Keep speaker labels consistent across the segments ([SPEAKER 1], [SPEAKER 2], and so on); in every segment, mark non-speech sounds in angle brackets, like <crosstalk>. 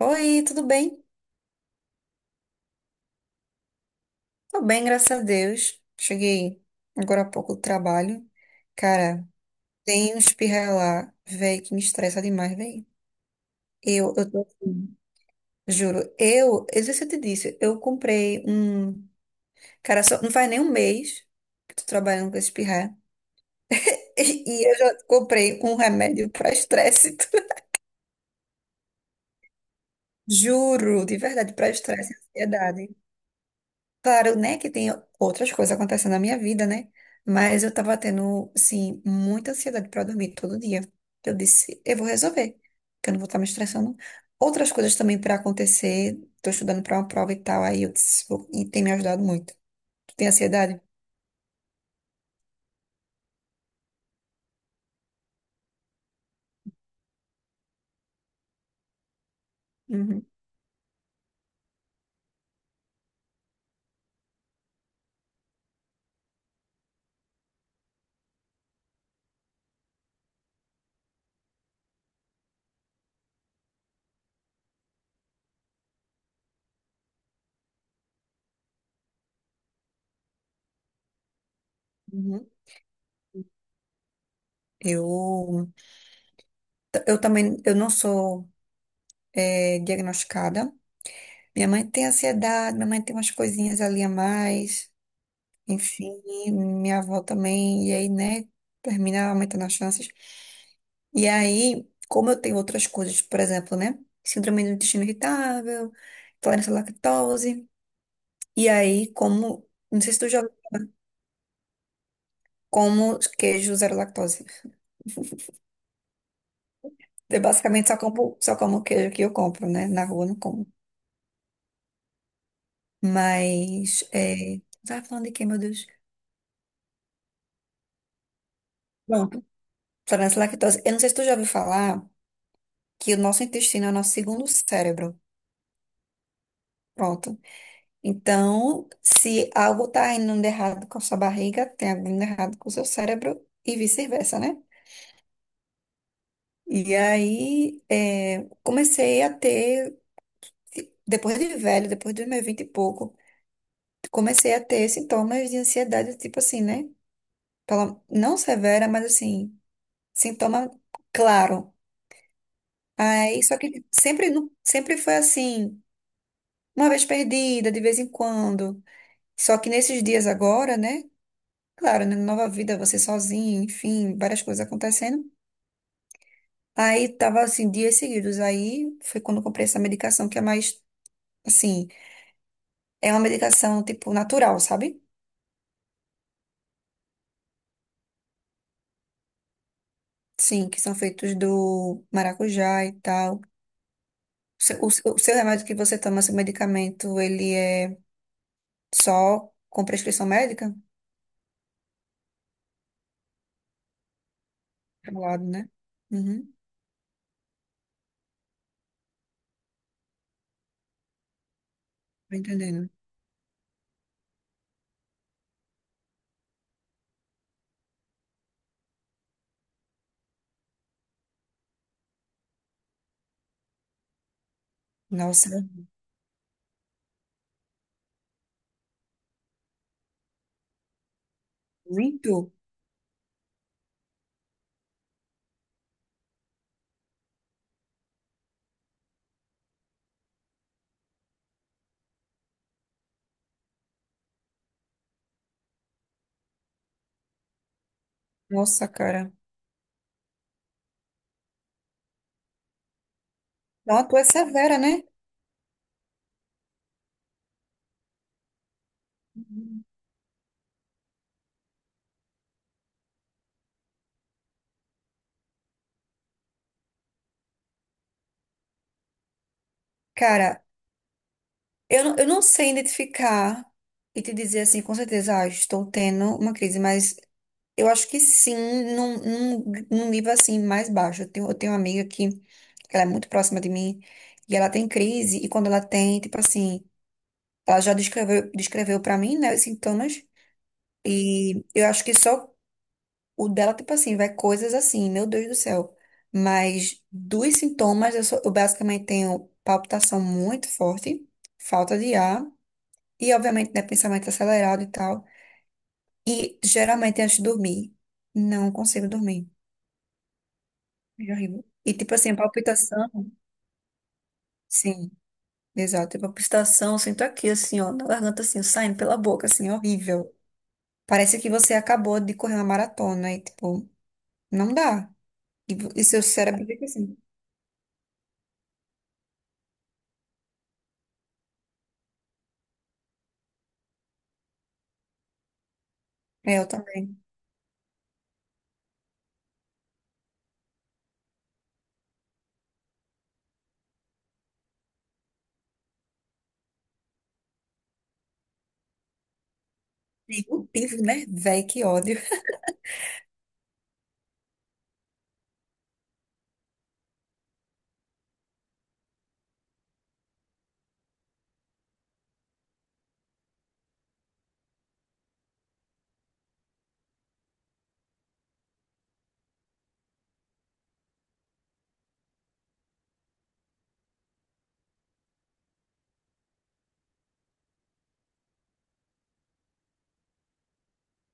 [SPEAKER 1] Oi, tudo bem? Tô bem, graças a Deus. Cheguei agora há pouco do trabalho. Cara, tem um espirra lá, velho, que me estressa demais, velho. Eu tô assim, juro. Eu não sei se eu te disse, eu comprei um. Cara, só, não faz nem um mês que tô trabalhando com esse espirra. <laughs> E eu já comprei um remédio pra estresse. <laughs> Juro, de verdade, pra estresse e ansiedade. Claro, né, que tem outras coisas acontecendo na minha vida, né? Mas eu tava tendo, assim, muita ansiedade pra dormir todo dia. Eu disse, eu vou resolver, que eu não vou estar me estressando. Outras coisas também pra acontecer, tô estudando pra uma prova e tal, aí eu disse, e tem me ajudado muito. Tu tem ansiedade? Uhum. Uhum. Eu, eu também, eu não sou diagnosticada. Minha mãe tem ansiedade, minha mãe tem umas coisinhas ali a mais. Enfim, e minha avó também, e aí, né, termina aumentando as chances. E aí, como eu tenho outras coisas, por exemplo, né, síndrome do intestino irritável, intolerância à lactose, e aí, como, não sei se tu já como queijo zero lactose. <laughs> Eu basicamente só como queijo que eu compro, né, na rua eu não como. Mas, é... Tava falando de quê, meu Deus? Pronto, intolerância à lactose. Eu não sei se tu já ouviu falar que o nosso intestino é o nosso segundo cérebro. Pronto. Então, se algo está indo de errado com a sua barriga, tem algo indo errado com o seu cérebro e vice-versa, né? E aí, comecei a ter, depois de velho, depois dos meus vinte e pouco, comecei a ter sintomas de ansiedade, tipo assim, né? Não severa, mas assim, sintoma claro. Aí, só que sempre, sempre foi assim, uma vez perdida, de vez em quando. Só que nesses dias agora, né? Claro, né? Nova vida, você sozinho, enfim, várias coisas acontecendo. Aí tava assim, dias seguidos. Aí foi quando eu comprei essa medicação que é mais, assim, é uma medicação tipo natural, sabe? Sim, que são feitos do maracujá e tal. O seu remédio que você toma, seu medicamento, ele é só com prescrição médica? Claro, né? Uhum, tô entendendo. Nossa, muito. Nossa, cara. Não, tu é severa, né? Uhum. Cara, eu não sei identificar e te dizer assim, com certeza, ah, estou tendo uma crise, mas eu acho que sim, num, num nível assim mais baixo. Eu tenho uma amiga que ela é muito próxima de mim e ela tem crise, e quando ela tem, tipo assim, ela já descreveu para mim, né, os sintomas, e eu acho que só o dela, tipo assim, vai coisas assim, meu Deus do céu. Mas dos sintomas, eu basicamente tenho palpitação muito forte, falta de ar. E, obviamente, né, pensamento acelerado e tal. E, geralmente, antes de dormir, não consigo dormir. É horrível. E, tipo assim, palpitação. Sim, exato. Tipo, palpitação, eu sinto aqui, assim, ó, na garganta, assim, saindo pela boca, assim, é horrível. Parece que você acabou de correr uma maratona e, tipo, não dá. E, e seu cérebro fica assim. É, eu também. Executivo, né? Véi, que ódio.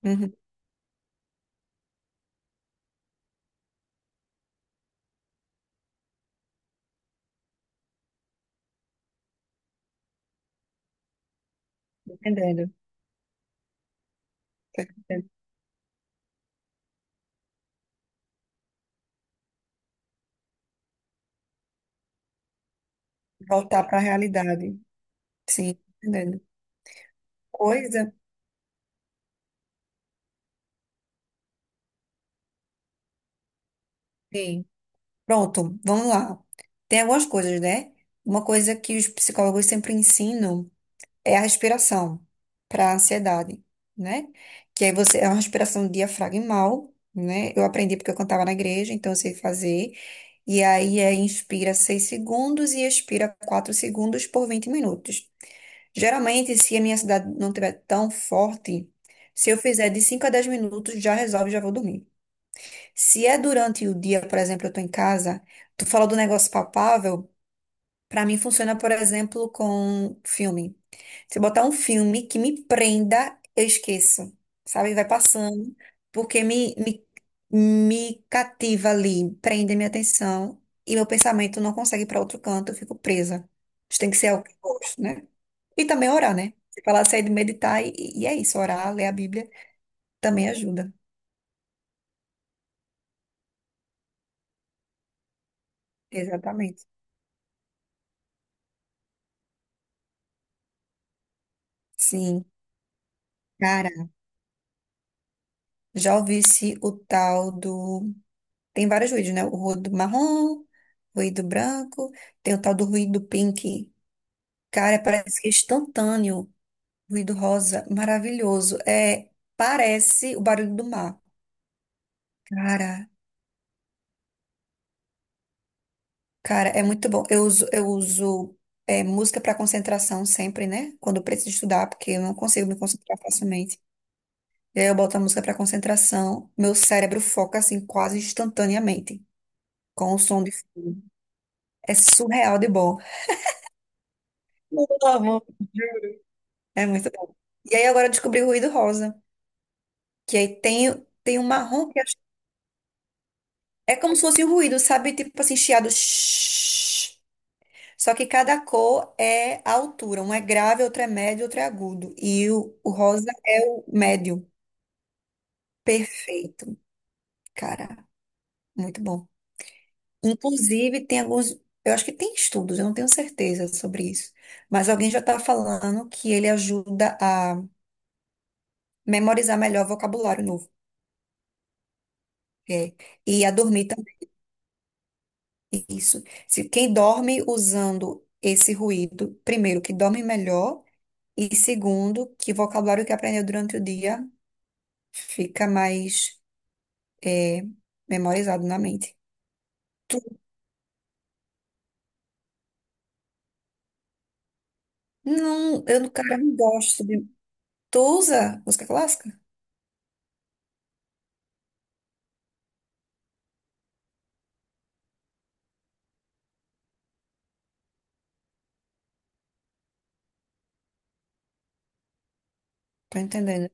[SPEAKER 1] Uhum, tô entendendo. Tô entendendo. Voltar pra realidade. Sim, tô entendendo. Coisa. Sim. Pronto, vamos lá. Tem algumas coisas, né? Uma coisa que os psicólogos sempre ensinam é a respiração para a ansiedade, né? Que aí você é uma respiração diafragmal, né? Eu aprendi porque eu cantava na igreja, então eu sei fazer. E aí é inspira 6 segundos e expira 4 segundos por 20 minutos. Geralmente, se a minha ansiedade não estiver tão forte, se eu fizer de 5 a 10 minutos, já resolve, já vou dormir. Se é durante o dia, por exemplo, eu tô em casa, tu falou do negócio palpável, pra mim funciona, por exemplo, com filme. Se eu botar um filme que me prenda, eu esqueço, sabe? Vai passando, porque me cativa ali, prende minha atenção e meu pensamento não consegue ir pra outro canto, eu fico presa. Isso tem que ser algo que eu gosto, né? E também orar, né? Você falar, sair de meditar e é isso, orar, ler a Bíblia também ajuda. Exatamente. Sim. Cara, já ouvisse o tal do. Tem vários ruídos, né? O ruído marrom, ruído branco, tem o tal do ruído pink. Cara, parece que é instantâneo. Ruído rosa, maravilhoso. É, parece o barulho do mar. Cara, cara, é muito bom. Eu uso música para concentração sempre, né? Quando eu preciso estudar, porque eu não consigo me concentrar facilmente. E aí eu boto a música para concentração, meu cérebro foca assim quase instantaneamente, com o som de fundo. É surreal de bom. Eu amo. É muito bom. E aí agora eu descobri o ruído rosa, que aí tem um marrom que é como se fosse um ruído, sabe? Tipo assim, chiado. Shhh. Só que cada cor é a altura. Um é grave, outro é médio, outro é agudo. E o rosa é o médio. Perfeito. Cara, muito bom. Inclusive, tem alguns. Eu acho que tem estudos, eu não tenho certeza sobre isso. Mas alguém já está falando que ele ajuda a memorizar melhor vocabulário novo. É. E a dormir também. Isso. Se quem dorme usando esse ruído, primeiro, que dorme melhor, e segundo, que o vocabulário que aprendeu durante o dia fica mais é, memorizado na mente. Tu, não, eu, no cara, não gosto de. Tu usa música clássica? Tô entendendo.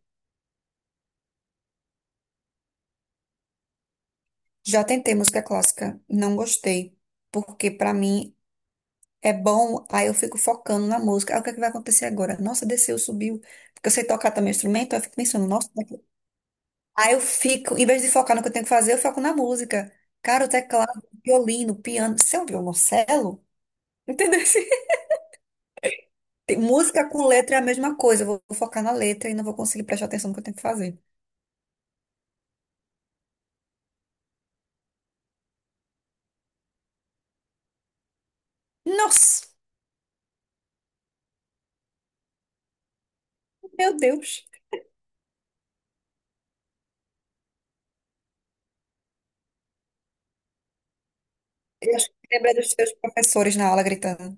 [SPEAKER 1] Já tentei música clássica, não gostei, porque pra mim é bom, aí eu fico focando na música. Aí o que é que vai acontecer agora? Nossa, desceu, subiu. Porque eu sei tocar também instrumento, aí eu fico pensando, nossa, aí eu fico, em vez de focar no que eu tenho que fazer, eu foco na música. Cara, o teclado, o violino, o piano. Isso é um violoncelo? Entendeu? <laughs> Música com letra é a mesma coisa. Eu vou focar na letra e não vou conseguir prestar atenção no que eu tenho que fazer. Nossa, meu Deus. Eu acho que lembrei dos seus professores na aula gritando.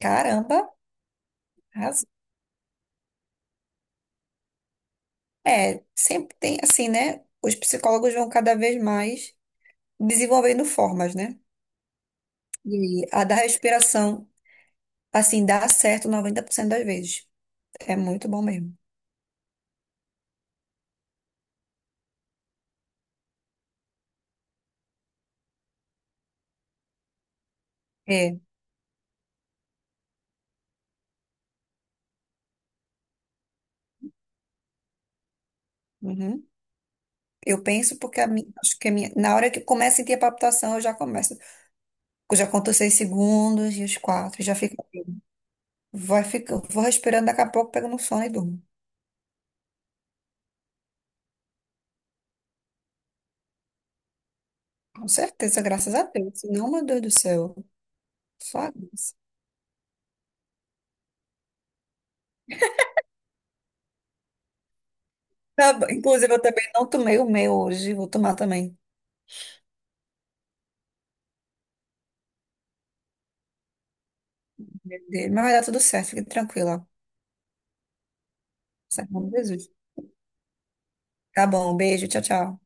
[SPEAKER 1] Caramba, arrasou. É, sempre tem assim, né? Os psicólogos vão cada vez mais desenvolvendo formas, né? E a da respiração, assim, dá certo 90% das vezes. É muito bom mesmo. É, uhum. Eu penso porque a minha, acho que a minha, na hora que começa a sentir a palpitação, eu já começo. Eu já conto os 6 segundos e os quatro, já fica. Vai ficar vou respirando, daqui a pouco pego no sono e durmo. Com certeza, graças a Deus. Senão, meu Deus do céu, só a graça. Tá bom. Inclusive, eu também não tomei o meu hoje, vou tomar também. Dele, mas vai dar tudo certo, fique tranquila. Certo, em nome de Jesus. Tá bom, beijo, tchau, tchau.